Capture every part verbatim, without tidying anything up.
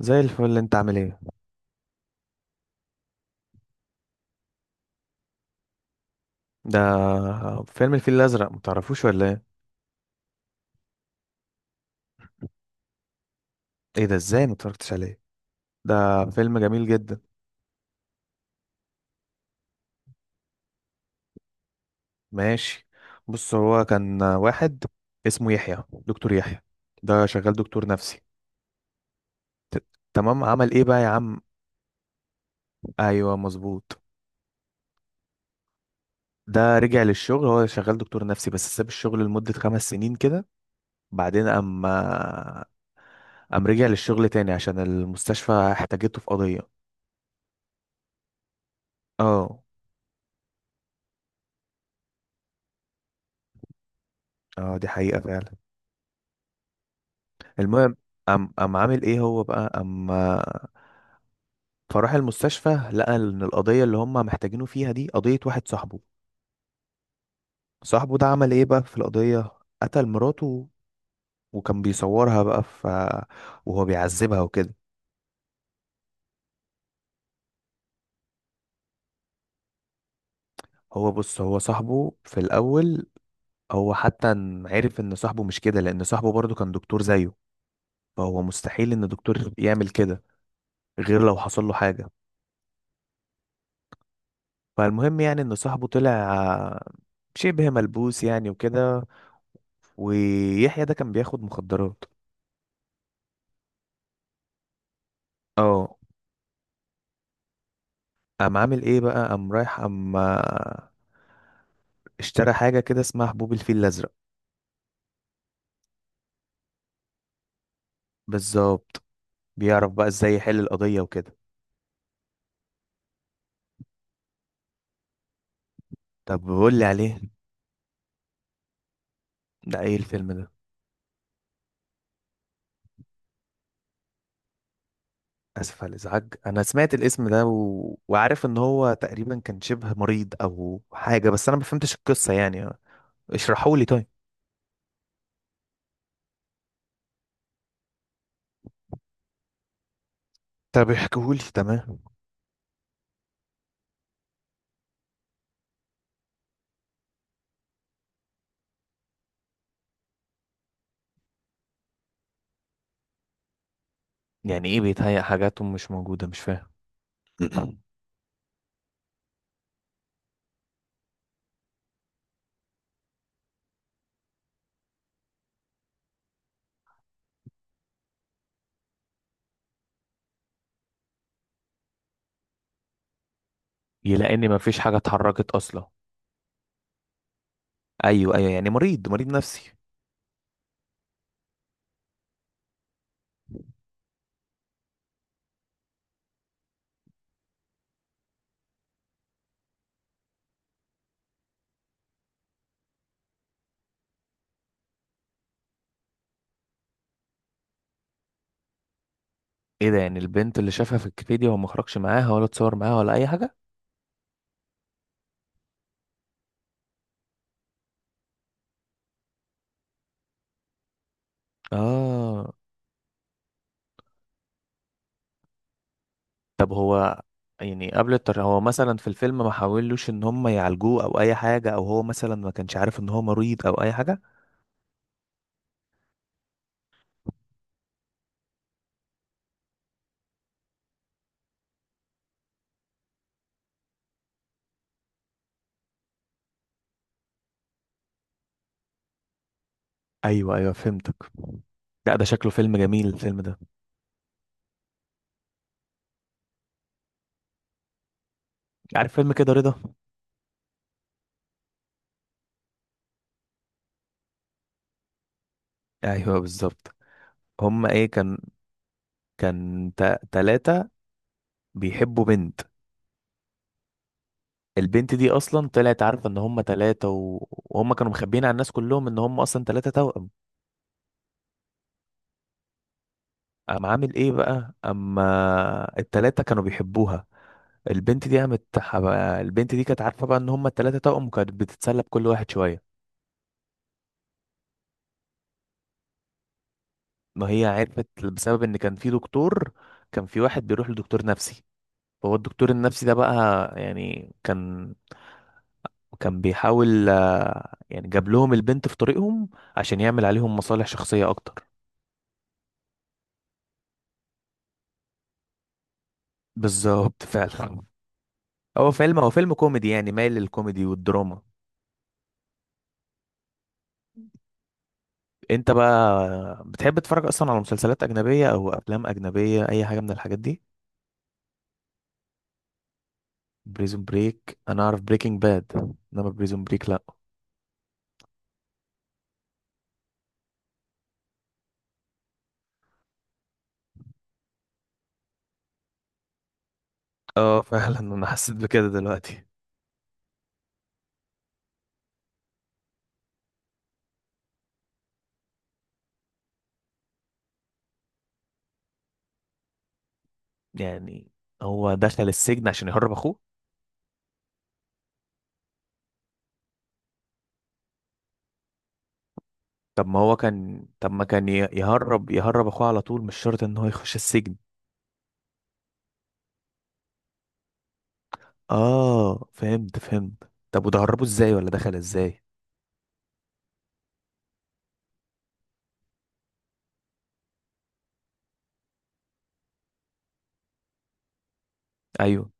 زي الفل، انت عامل ايه؟ ده فيلم الفيل الازرق، متعرفوش ولا ايه؟ ايه ده، ازاي متفرجتش عليه؟ ده فيلم جميل جدا. ماشي. بص، هو كان واحد اسمه يحيى، دكتور يحيى. ده شغال دكتور نفسي. ت- تمام، عمل ايه بقى يا عم؟ ايوه، مظبوط. ده رجع للشغل، هو شغال دكتور نفسي بس ساب الشغل لمدة خمس سنين كده. بعدين اما قام رجع للشغل تاني عشان المستشفى احتاجته في قضية. اه. اه، دي حقيقة فعلا. المهم، قام قام عامل ايه هو بقى، قام فراح المستشفى، لقى ان القضية اللي هم محتاجينه فيها دي قضية واحد صاحبه. صاحبه ده عمل ايه بقى في القضية؟ قتل مراته، وكان بيصورها بقى ف وهو بيعذبها وكده. هو بص، هو صاحبه في الاول، هو حتى ن- عرف ان صاحبه مش كده، لان صاحبه برضه كان دكتور زيه، فهو مستحيل ان دكتور يعمل كده غير لو حصل له حاجة. فالمهم يعني ان صاحبه طلع شبه ملبوس يعني وكده، ويحيى ده كان بياخد مخدرات. اه. قام عامل ايه بقى، قام رايح، قام آه، اشترى حاجة كده اسمها حبوب الفيل الأزرق. بالظبط. بيعرف بقى ازاي يحل القضية وكده. طب بقول لي عليه. ده ايه الفيلم ده؟ اسف على الازعاج. انا سمعت الاسم ده و... وعارف ان هو تقريبا كان شبه مريض او حاجة، بس انا ما فهمتش القصة يعني. اشرحوا لي طيب. طب احكيهولي، تمام. يعني ايه بيتهيأ حاجات مش موجودة؟ مش فاهم. يلاقي ان مفيش حاجة اتحركت اصلا. ايوه، ايوه، يعني مريض، مريض نفسي. ايه ده، يعني البنت اللي شافها في الكافيتيريا هو ما خرجش معاها ولا اتصور معاها ولا اي حاجه؟ اه. طب هو، يعني قبل التر، هو مثلا في الفيلم ما حاولوش ان هم يعالجوه او اي حاجه، او هو مثلا ما كانش عارف ان هو مريض او اي حاجه؟ ايوه، ايوه، فهمتك. لا، ده شكله فيلم جميل، الفيلم ده. عارف فيلم كده، رضا؟ ايوه، بالظبط. هما ايه كان؟ كان تا- تلاتة بيحبوا بنت. البنت دي اصلا طلعت عارفه ان هم ثلاثه و... وهم كانوا مخبيين على الناس كلهم ان هم اصلا ثلاثه توأم. قام عامل ايه بقى اما الثلاثه كانوا بيحبوها؟ البنت دي قامت ح- البنت دي كانت عارفه بقى ان هم الثلاثه توأم، وكانت بتتسلى بكل واحد شويه. ما هي عرفت بسبب ان كان في دكتور، كان في واحد بيروح لدكتور نفسي، فهو الدكتور النفسي ده بقى، يعني كان كان بيحاول آه، يعني جاب لهم البنت في طريقهم عشان يعمل عليهم مصالح شخصيه اكتر. بالظبط، فعلا. هو فيلم هو فيلم كوميدي يعني، مايل للكوميدي والدراما. انت بقى بتحب تتفرج اصلا على مسلسلات اجنبيه او افلام اجنبيه، اي حاجه من الحاجات دي؟ بريزون بريك، انا اعرف بريكنج باد، انما بريزون بريك لا. اه، فعلا انا حسيت بكده دلوقتي. يعني هو دخل السجن عشان يهرب اخوه. طب ما هو كان طب ما كان ي- يهرب يهرب اخوه على طول، مش شرط ان هو يخش السجن. اه، فهمت، فهمت. طب وده هربه ازاي، ولا دخل ازاي؟ ايوه.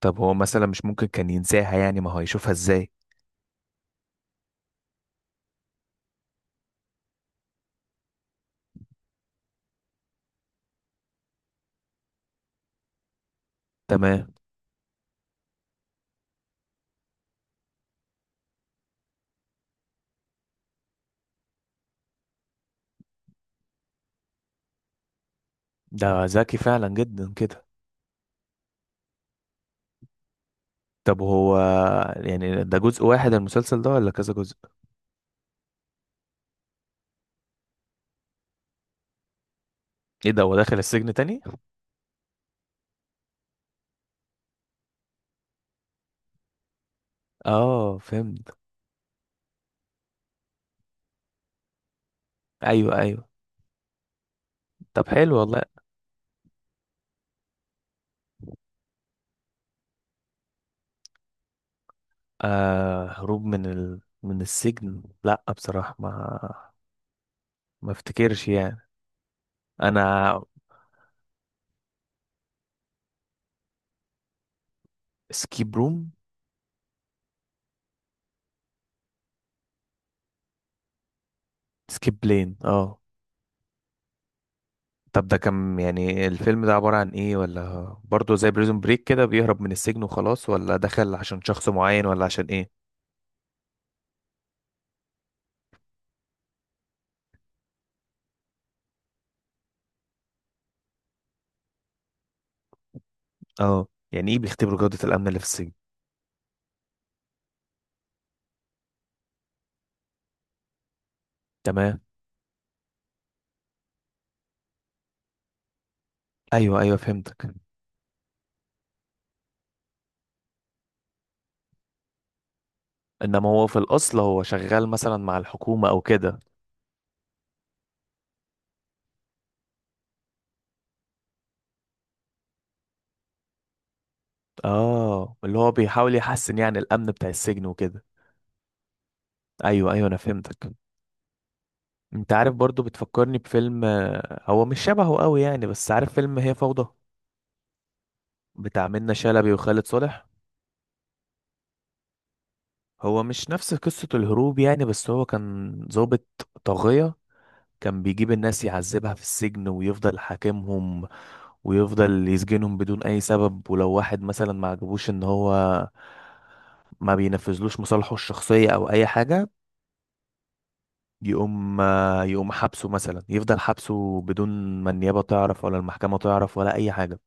طب هو مثلا مش ممكن كان ينساها؟ يعني ما هو هيشوفها ازاي؟ تمام. ده ذكي فعلا جدا كده. طب هو يعني ده جزء واحد المسلسل ده ولا كذا جزء؟ ايه ده، هو داخل السجن تاني؟ اه، فهمت. ايوه، ايوه. طب حلو والله. آه، هروب من ال... من السجن، لا بصراحة ما ما افتكرش يعني، انا. سكيب روم. سكيب بلين، اه. طب ده كان يعني الفيلم ده عبارة عن ايه؟ ولا برضه زي بريزون بريك كده، بيهرب من السجن وخلاص، ولا دخل عشان شخص معين، ولا عشان ايه؟ اه، يعني ايه بيختبروا جودة الامن اللي في السجن؟ تمام. ايوه، ايوه، فهمتك. انما هو في الاصل هو شغال مثلا مع الحكومة او كده؟ اه، اللي هو بيحاول يحسن يعني الامن بتاع السجن وكده. ايوه، ايوه، انا فهمتك. انت عارف برضو بتفكرني بفيلم، آه، هو مش شبهه قوي يعني، بس عارف فيلم هي فوضى، بتاع منة شلبي وخالد صالح؟ هو مش نفس قصة الهروب يعني، بس هو كان ضابط طاغية، كان بيجيب الناس يعذبها في السجن ويفضل حاكمهم، ويفضل يسجنهم بدون اي سبب، ولو واحد مثلا ما عجبوش ان هو ما بينفذلوش مصالحه الشخصية او اي حاجة، يقوم يقوم حبسه مثلا، يفضل حبسه بدون ما النيابة تعرف ولا المحكمة تعرف ولا اي حاجة.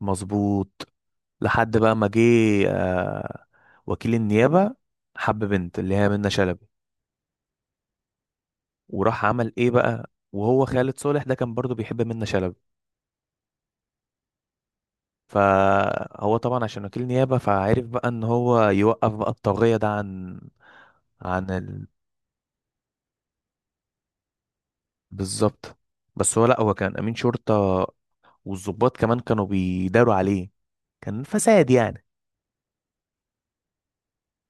مظبوط. لحد بقى ما جه آه، وكيل النيابة، حب بنت اللي هي منة شلبي، وراح عمل ايه بقى؟ وهو خالد صالح ده كان برضو بيحب منة شلبي. فهو طبعا عشان وكيل نيابة، فعرف بقى ان هو يوقف بقى الطاغية ده عن. عن ال... بالظبط. بس هو، لا هو كان امين شرطة، والضباط كمان كانوا بيداروا عليه، كان فساد يعني.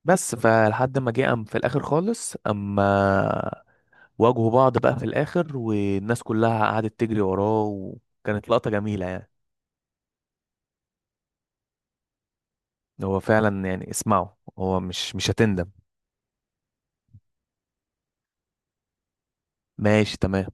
بس فلحد ما جه، قام في الاخر خالص، اما واجهوا بعض بقى في الاخر، والناس كلها قعدت تجري وراه، وكانت لقطة جميلة يعني. هو فعلا يعني اسمعه، هو مش مش هتندم. ماشي، تمام.